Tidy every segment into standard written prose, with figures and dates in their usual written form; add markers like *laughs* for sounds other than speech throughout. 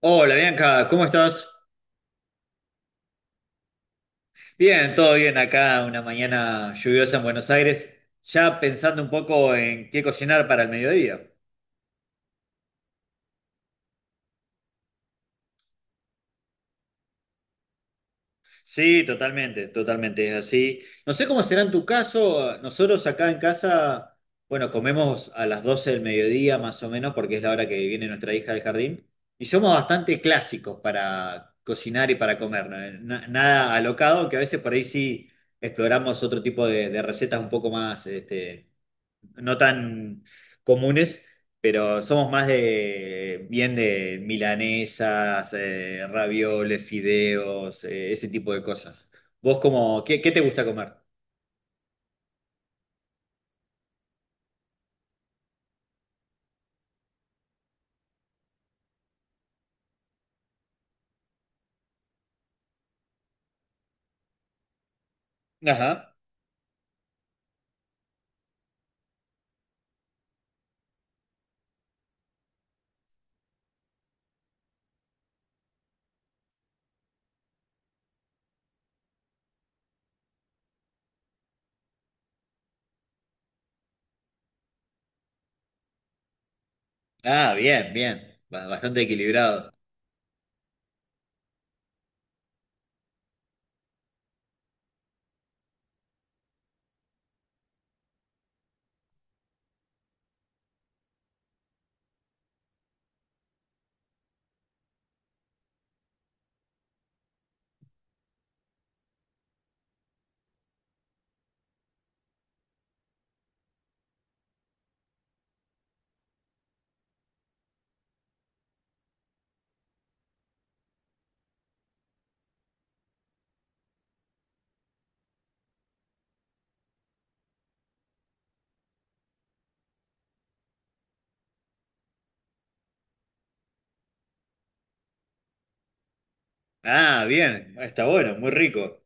Hola Bianca, ¿cómo estás? Bien, todo bien acá, una mañana lluviosa en Buenos Aires, ya pensando un poco en qué cocinar para el mediodía. Sí, totalmente, totalmente, es así. No sé cómo será en tu caso, nosotros acá en casa, bueno, comemos a las 12 del mediodía más o menos, porque es la hora que viene nuestra hija del jardín, y somos bastante clásicos para cocinar y para comer, ¿no? Nada alocado, que a veces por ahí sí exploramos otro tipo de recetas un poco más, no tan comunes, pero somos más de bien de milanesas, ravioles, fideos, ese tipo de cosas. ¿Vos cómo, qué te gusta comer? Ajá. Ah, bien, bien. Bastante equilibrado. Ah, bien. Está bueno, muy rico.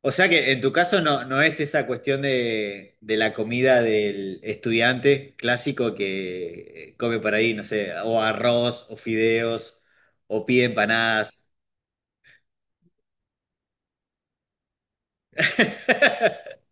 O sea que en tu caso no es esa cuestión de la comida del estudiante clásico que come por ahí, no sé, o arroz, o fideos, o pide empanadas. *laughs*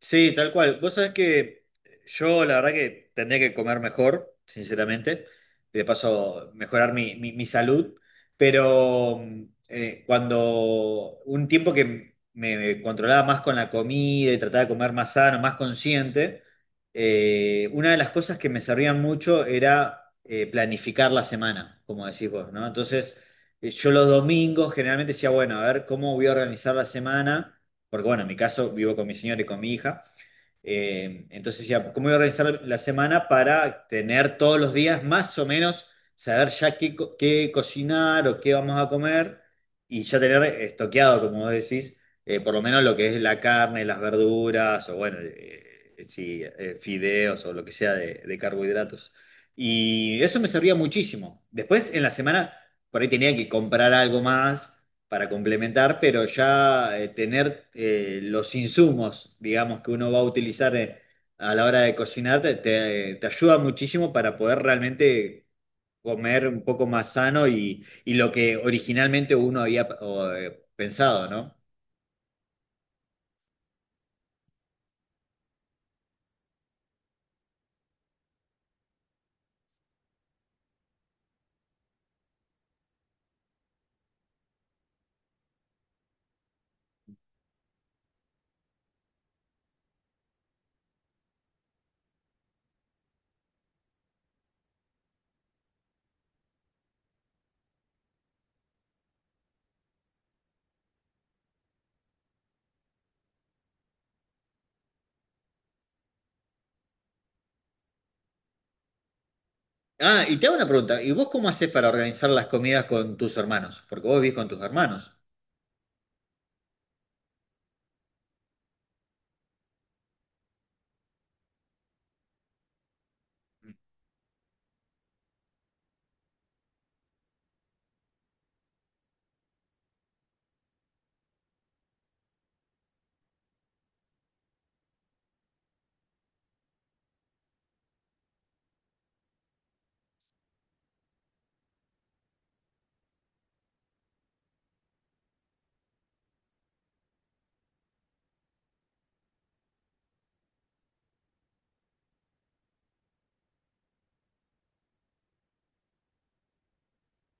Sí, tal cual. Vos sabés que yo la verdad que tendría que comer mejor, sinceramente. De paso, mejorar mi salud. Pero cuando un tiempo que me controlaba más con la comida y trataba de comer más sano, más consciente, una de las cosas que me servían mucho era planificar la semana, como decís vos, ¿no? Entonces, yo los domingos generalmente decía, bueno, a ver cómo voy a organizar la semana porque bueno, en mi caso vivo con mi señora y con mi hija, entonces decía, ¿cómo voy a organizar la semana para tener todos los días más o menos, saber ya qué, qué cocinar o qué vamos a comer y ya tener estoqueado, como vos decís, por lo menos lo que es la carne, las verduras o bueno, sí, fideos o lo que sea de carbohidratos. Y eso me servía muchísimo. Después en la semana por ahí tenía que comprar algo más para complementar, pero ya tener los insumos, digamos, que uno va a utilizar a la hora de cocinar, te ayuda muchísimo para poder realmente comer un poco más sano y lo que originalmente uno había pensado, ¿no? Ah, y te hago una pregunta, ¿y vos cómo haces para organizar las comidas con tus hermanos? Porque vos vivís con tus hermanos.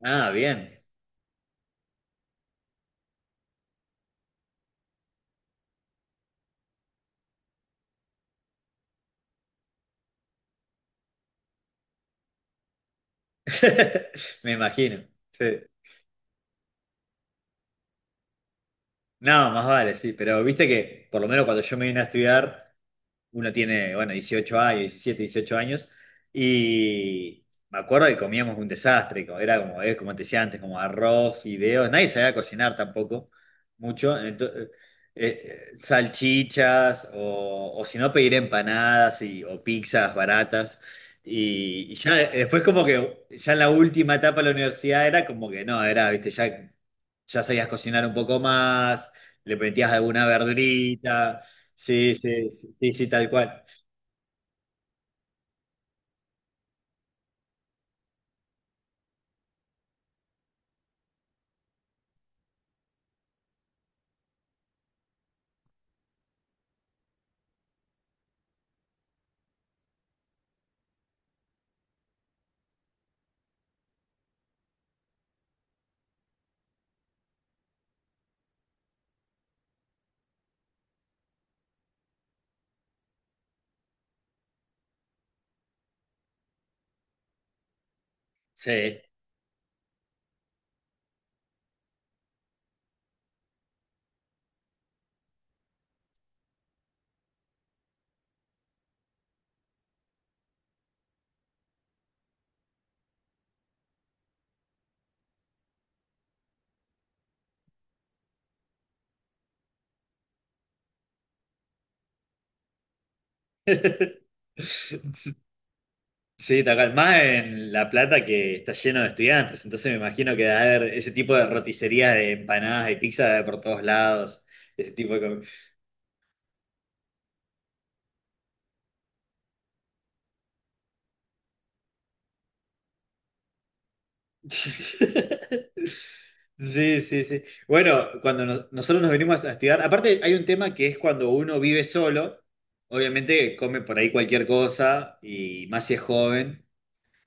Ah, bien. *laughs* Me imagino. Sí. No, más vale, sí, pero viste que por lo menos cuando yo me vine a estudiar, uno tiene, bueno, 18 años, 17, 18 años, y me acuerdo que comíamos un desastre, era como, como te decía antes, como arroz, fideos, nadie sabía cocinar tampoco, mucho, salchichas, o si no pedir empanadas y, o pizzas baratas, y ya después como que, ya en la última etapa de la universidad era como que no, era, viste, ya ya sabías cocinar un poco más, le metías alguna verdurita, sí, sí, sí, sí, sí, tal cual, sí. *laughs* Sí, tal cual, más en La Plata que está lleno de estudiantes, entonces me imagino que debe haber ese tipo de roticerías de empanadas y pizza de por todos lados, ese tipo de... *laughs* Sí, sí, sí. Bueno, cuando nosotros nos venimos a estudiar, aparte hay un tema que es cuando uno vive solo, obviamente come por ahí cualquier cosa y más si es joven,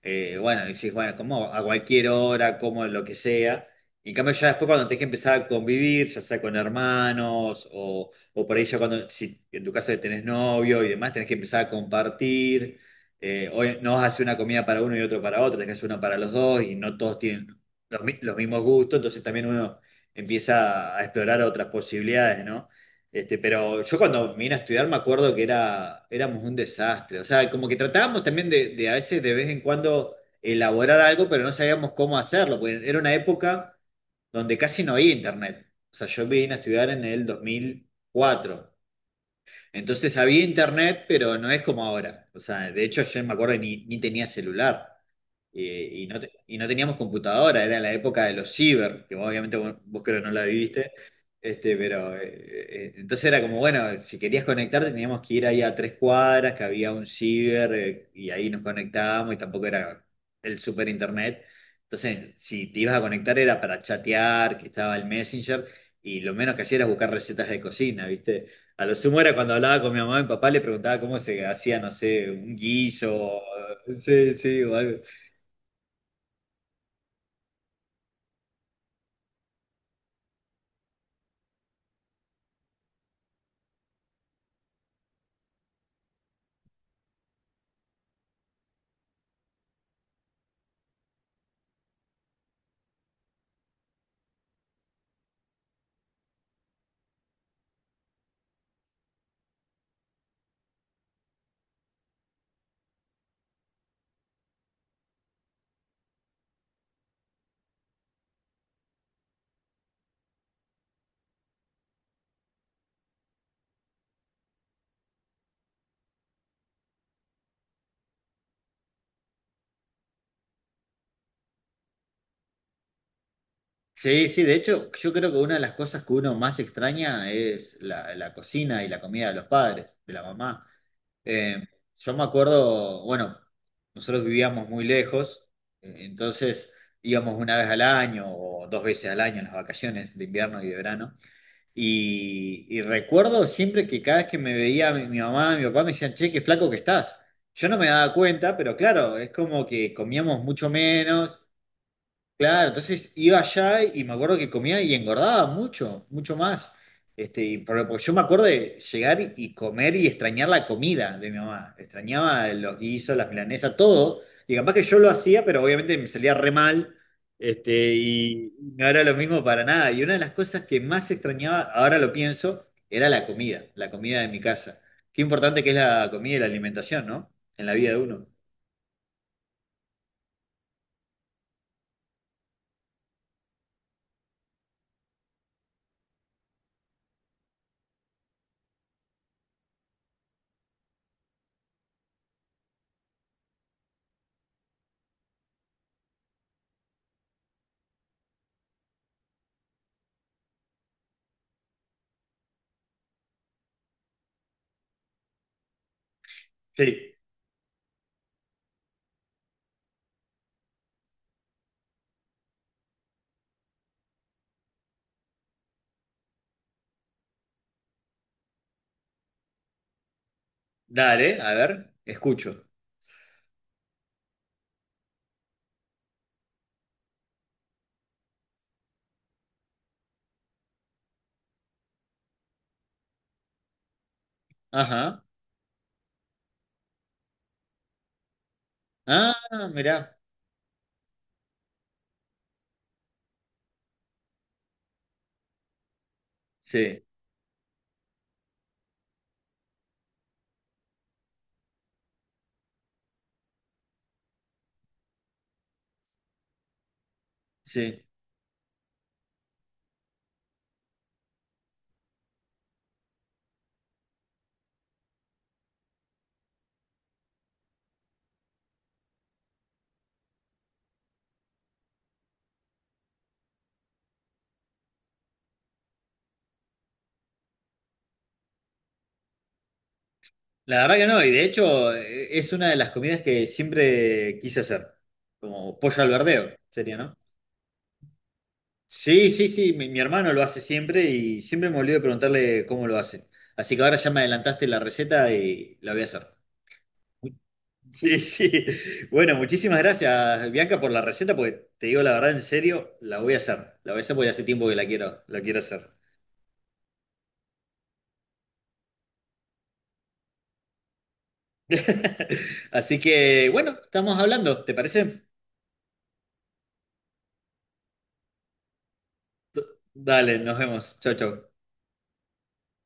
bueno, decís, bueno, como a cualquier hora, como lo que sea. Y en cambio, ya después cuando tenés que empezar a convivir, ya sea con hermanos o por ahí ya cuando, si en tu caso tenés novio y demás, tenés que empezar a compartir. Hoy no vas a hacer una comida para uno y otro para otro, tenés que hacer una para los dos y no todos tienen los, los mismos gustos, entonces también uno empieza a explorar otras posibilidades, ¿no? Pero yo cuando vine a estudiar me acuerdo que era, éramos un desastre. O sea, como que tratábamos también de a veces de vez en cuando elaborar algo, pero no sabíamos cómo hacerlo, porque era una época donde casi no había internet. O sea, yo vine a estudiar en el 2004. Entonces había internet, pero no es como ahora. O sea, de hecho yo me acuerdo que ni tenía celular y, y no teníamos computadora, era la época de los ciber, que obviamente vos creo no la viviste, pero entonces era como, bueno, si querías conectarte teníamos que ir ahí a 3 cuadras, que había un ciber, y ahí nos conectábamos, y tampoco era el super internet. Entonces, si te ibas a conectar era para chatear, que estaba el Messenger, y lo menos que hacía era buscar recetas de cocina, ¿viste? A lo sumo era cuando hablaba con mi mamá y mi papá, le preguntaba cómo se hacía, no sé, un guiso, sí, sí, o algo. Sí, sí, de hecho, yo creo que una de las cosas que uno más extraña es la cocina y la comida de los padres, de la mamá. Eh, yo me acuerdo, bueno, nosotros vivíamos muy lejos, entonces íbamos una vez al año o dos veces al año en las vacaciones de invierno y de verano. Y recuerdo siempre que cada vez que me veía mi mamá, mi papá me decían, che, qué flaco que estás. Yo no me daba cuenta, pero claro, es como que comíamos mucho menos. Claro, entonces iba allá y me acuerdo que comía y engordaba mucho, mucho más. Y porque yo me acuerdo de llegar y comer y extrañar la comida de mi mamá. Extrañaba los guisos, las milanesas, todo. Y capaz que yo lo hacía, pero obviamente me salía re mal. Y no era lo mismo para nada. Y una de las cosas que más extrañaba, ahora lo pienso, era la comida de mi casa. Qué importante que es la comida y la alimentación, ¿no? En la vida de uno. Sí, dale, a ver, escucho. Ajá. Ah, mirá, sí, sí. La verdad que no, y de hecho es una de las comidas que siempre quise hacer, como pollo al verdeo, sería, ¿no? Sí, sí, sí, mi hermano lo hace siempre y siempre me olvido de preguntarle cómo lo hace. Así que ahora ya me adelantaste la receta y la voy a hacer. *laughs* Sí, sí. Bueno, muchísimas gracias, Bianca, por la receta, porque te digo la verdad, en serio, la voy a hacer. La voy a hacer porque hace tiempo que la quiero hacer. *laughs* Así que, bueno, estamos hablando, ¿te parece? Dale, nos vemos. Chau, chau.